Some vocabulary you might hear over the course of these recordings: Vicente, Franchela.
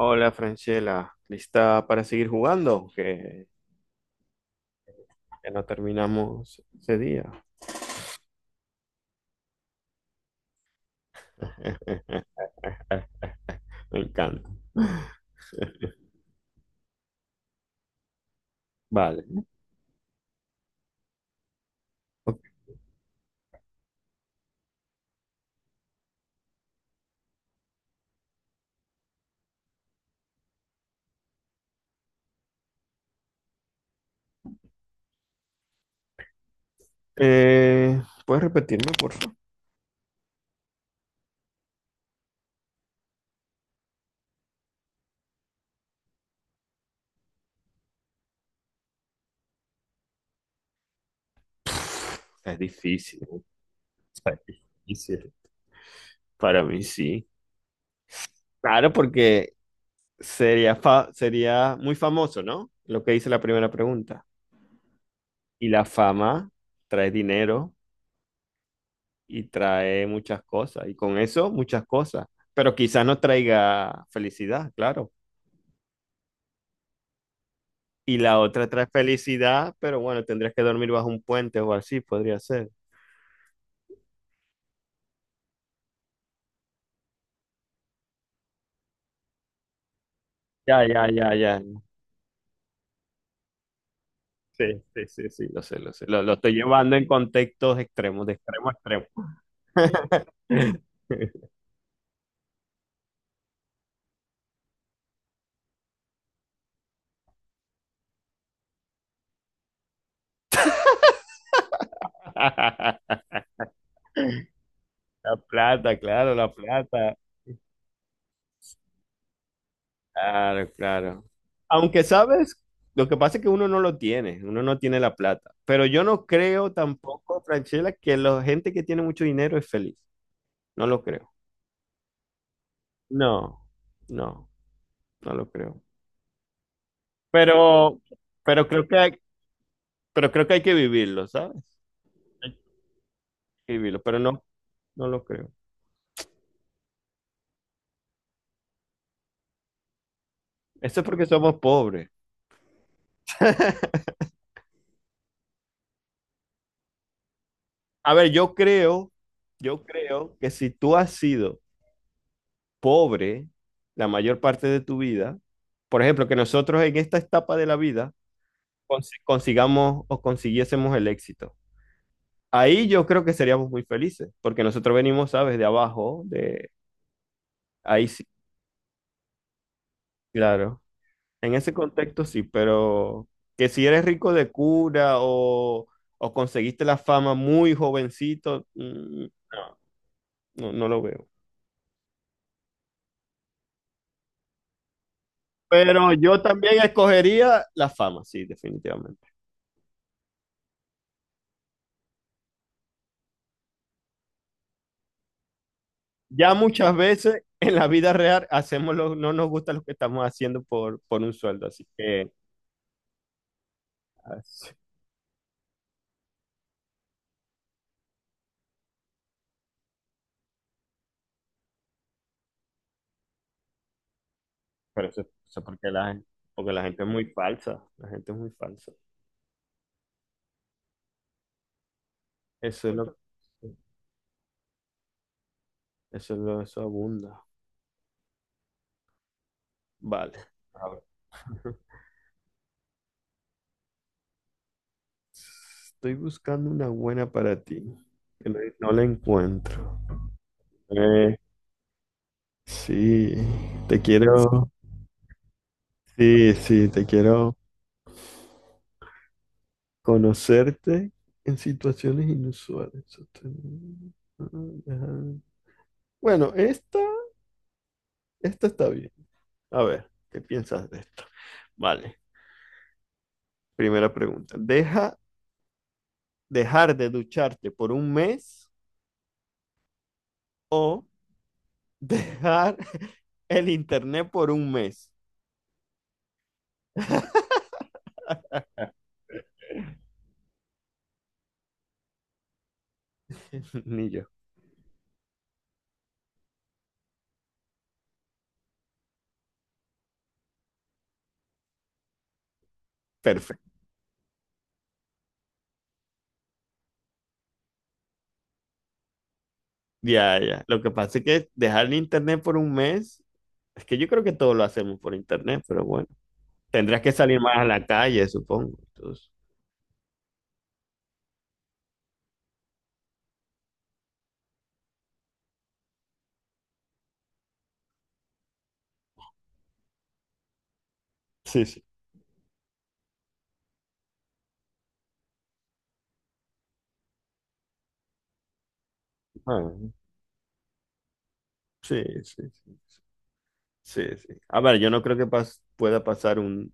Hola, Franchela, ¿lista para seguir jugando? Que ya no terminamos ese día. Me encanta. Vale. Ok. ¿Puedes repetirme, por favor? Es difícil. Para mí sí. Claro, porque sería muy famoso, ¿no? Lo que hice la primera pregunta. Y la fama trae dinero y trae muchas cosas. Y con eso, muchas cosas. Pero quizás no traiga felicidad, claro. Y la otra trae felicidad, pero bueno, tendrías que dormir bajo un puente o así, podría ser. Ya, ya, ya, ya. Sí, sí, sí, sí, lo sé, lo sé. Lo estoy llevando en contextos extremos, de extremo a extremo. La plata. Claro, claro. Aunque sabes, lo que pasa es que uno no lo tiene, uno no tiene la plata. Pero yo no creo tampoco, Franchella, que la gente que tiene mucho dinero es feliz. No lo creo. No, no, no lo creo. Pero, pero creo que hay, pero creo que hay que vivirlo, ¿sabes? Hay que vivirlo, pero no, no lo creo. Eso es porque somos pobres. A ver, yo creo que si tú has sido pobre la mayor parte de tu vida, por ejemplo, que nosotros en esta etapa de la vida consigamos o consiguiésemos el éxito. Ahí yo creo que seríamos muy felices, porque nosotros venimos, ¿sabes? De abajo, de ahí sí, claro. En ese contexto sí, pero que si eres rico de cura o conseguiste la fama muy jovencito, no, no, no lo veo. Pero yo también escogería la fama, sí, definitivamente. Ya muchas veces en la vida real hacemos lo, no nos gusta lo que estamos haciendo por un sueldo, así que as- pero eso porque la gente es muy falsa, la gente es muy falsa. Eso es lo, eso es lo, eso abunda. Vale. A ver. Estoy buscando una buena para ti, que no, no la encuentro. Eh, sí, te quiero, sí, sí, te quiero conocerte en situaciones inusuales. Bueno, esta está bien. A ver, ¿qué piensas de esto? Vale, primera pregunta. ¿ dejar de ducharte por un mes o dejar el internet por un mes? Ni yo. Perfecto. Ya, ya. Lo que pasa es que dejar el internet por un mes, es que yo creo que todos lo hacemos por internet, pero bueno, tendrás que salir más a la calle, supongo. Entonces, sí, sí. Ah, sí, sí, sí, sí, sí. A ver, yo no creo que pueda pasar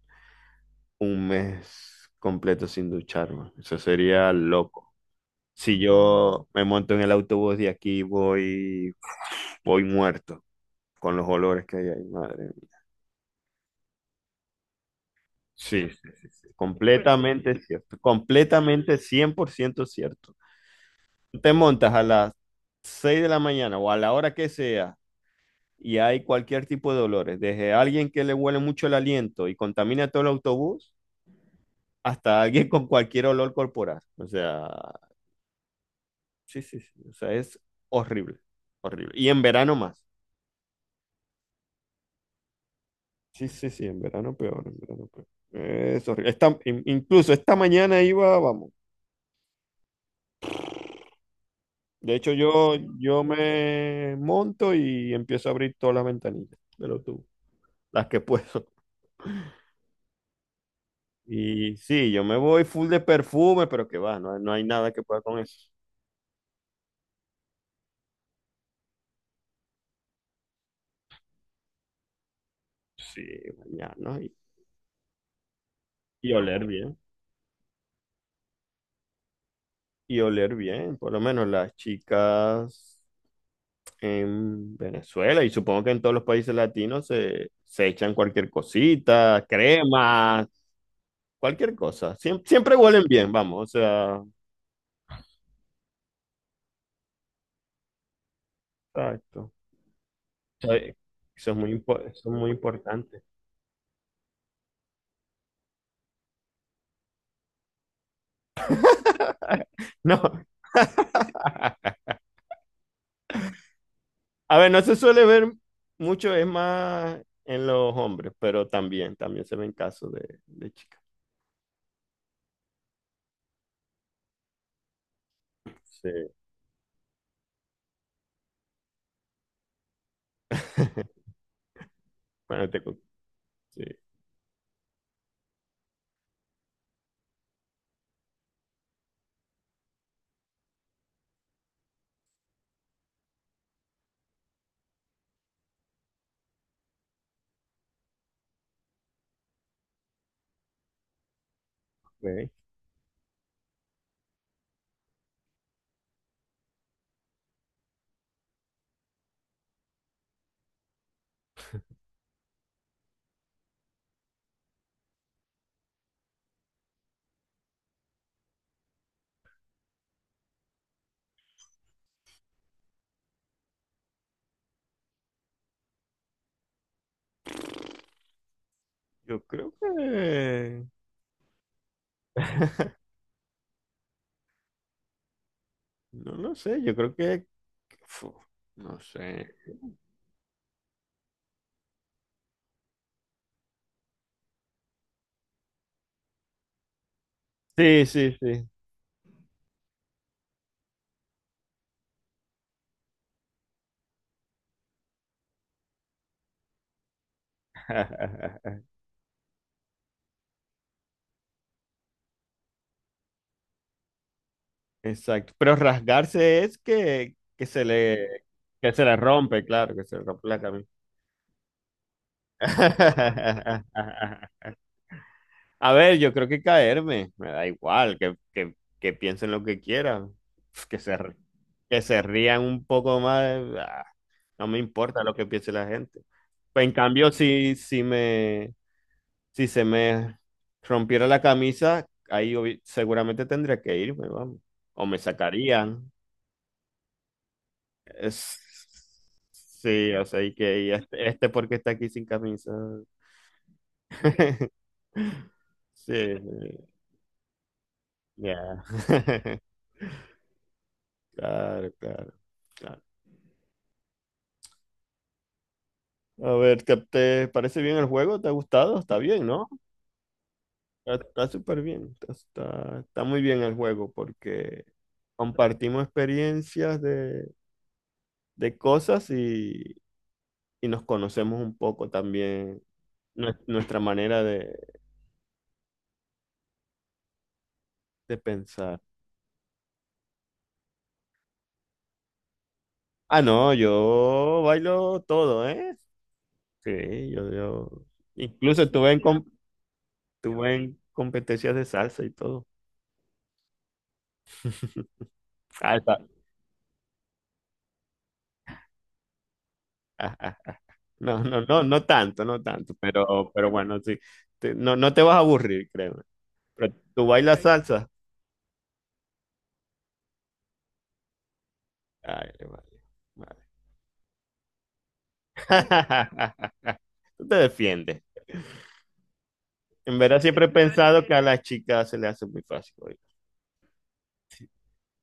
un mes completo sin ducharme. Eso sería loco. Si yo me monto en el autobús de aquí, voy, voy muerto con los olores que hay ahí, madre. Sí, sí, sí, sí. Completamente cierto, completamente 100% cierto. Te montas a las 6 de la mañana o a la hora que sea y hay cualquier tipo de dolores, desde alguien que le huele mucho el aliento y contamina todo el autobús hasta alguien con cualquier olor corporal. O sea, sí, sí, sí, o sea, es horrible, horrible. Y en verano más. Sí, sí, sí, en verano peor, en verano peor. Es horrible. Incluso esta mañana iba, vamos. De hecho, yo me monto y empiezo a abrir todas las ventanillas de los tubos, las que puedo. Y sí, yo me voy full de perfume, pero que va, no, hay no hay nada que pueda con eso. Sí, mañana y oler bien. Y oler bien, por lo menos las chicas en Venezuela y supongo que en todos los países latinos se echan cualquier cosita, crema, cualquier cosa. Siempre huelen bien, vamos, o sea, exacto. Eso es eso es muy importante. No. A ver, no se suele ver mucho, es más en los hombres, pero también, también se ven casos de chicas. Sí. Bueno, sí, ok. Yo creo que, no lo sé, yo creo que, fu, no sé. Sí, sí, sí. Exacto. Pero rasgarse es que, que se le rompe, claro, que se le rompe la camisa. A ver, yo creo que caerme, me da igual, que piensen lo que quieran, pf, que se rían un poco más, ah, no me importa lo que piense la gente. Pues en cambio, si se me rompiera la camisa, seguramente tendría que irme, vamos, o me sacarían. Es- sí, o sea, y este, este porque está aquí sin camisa. Sí. Ya. Claro, claro, claro. A ver, ¿te, te parece bien el juego? ¿Te ha gustado? Está bien, ¿no? Está súper bien. Está muy bien el juego porque compartimos experiencias de cosas y nos conocemos un poco también nuestra manera de pensar. Ah, no, yo bailo todo, ¿eh? Sí, yo. Incluso tuve en, com- tuve en competencias de salsa y todo. Ah, No, no, no, no tanto, no tanto, pero bueno, sí. No, no te vas a aburrir, créeme. Pero tú bailas Ok. salsa. Ay, vale, vale. Tú te defiendes. En verdad siempre he pensado que a las chicas se le hace muy fácil. Oye.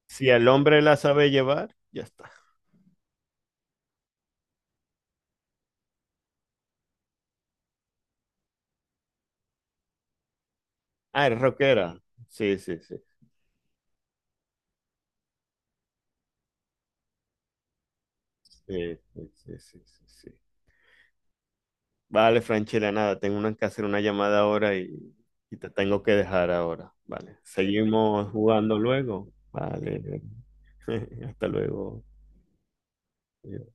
Si el hombre la sabe llevar, ya está. Ah, es rockera. Sí, sí, sí. Sí, sí, sí, sí, sí, sí. Vale, Franchela, nada, que hacer una llamada ahora y te tengo que dejar ahora. Vale, seguimos jugando luego. Vale, hasta luego. Adiós.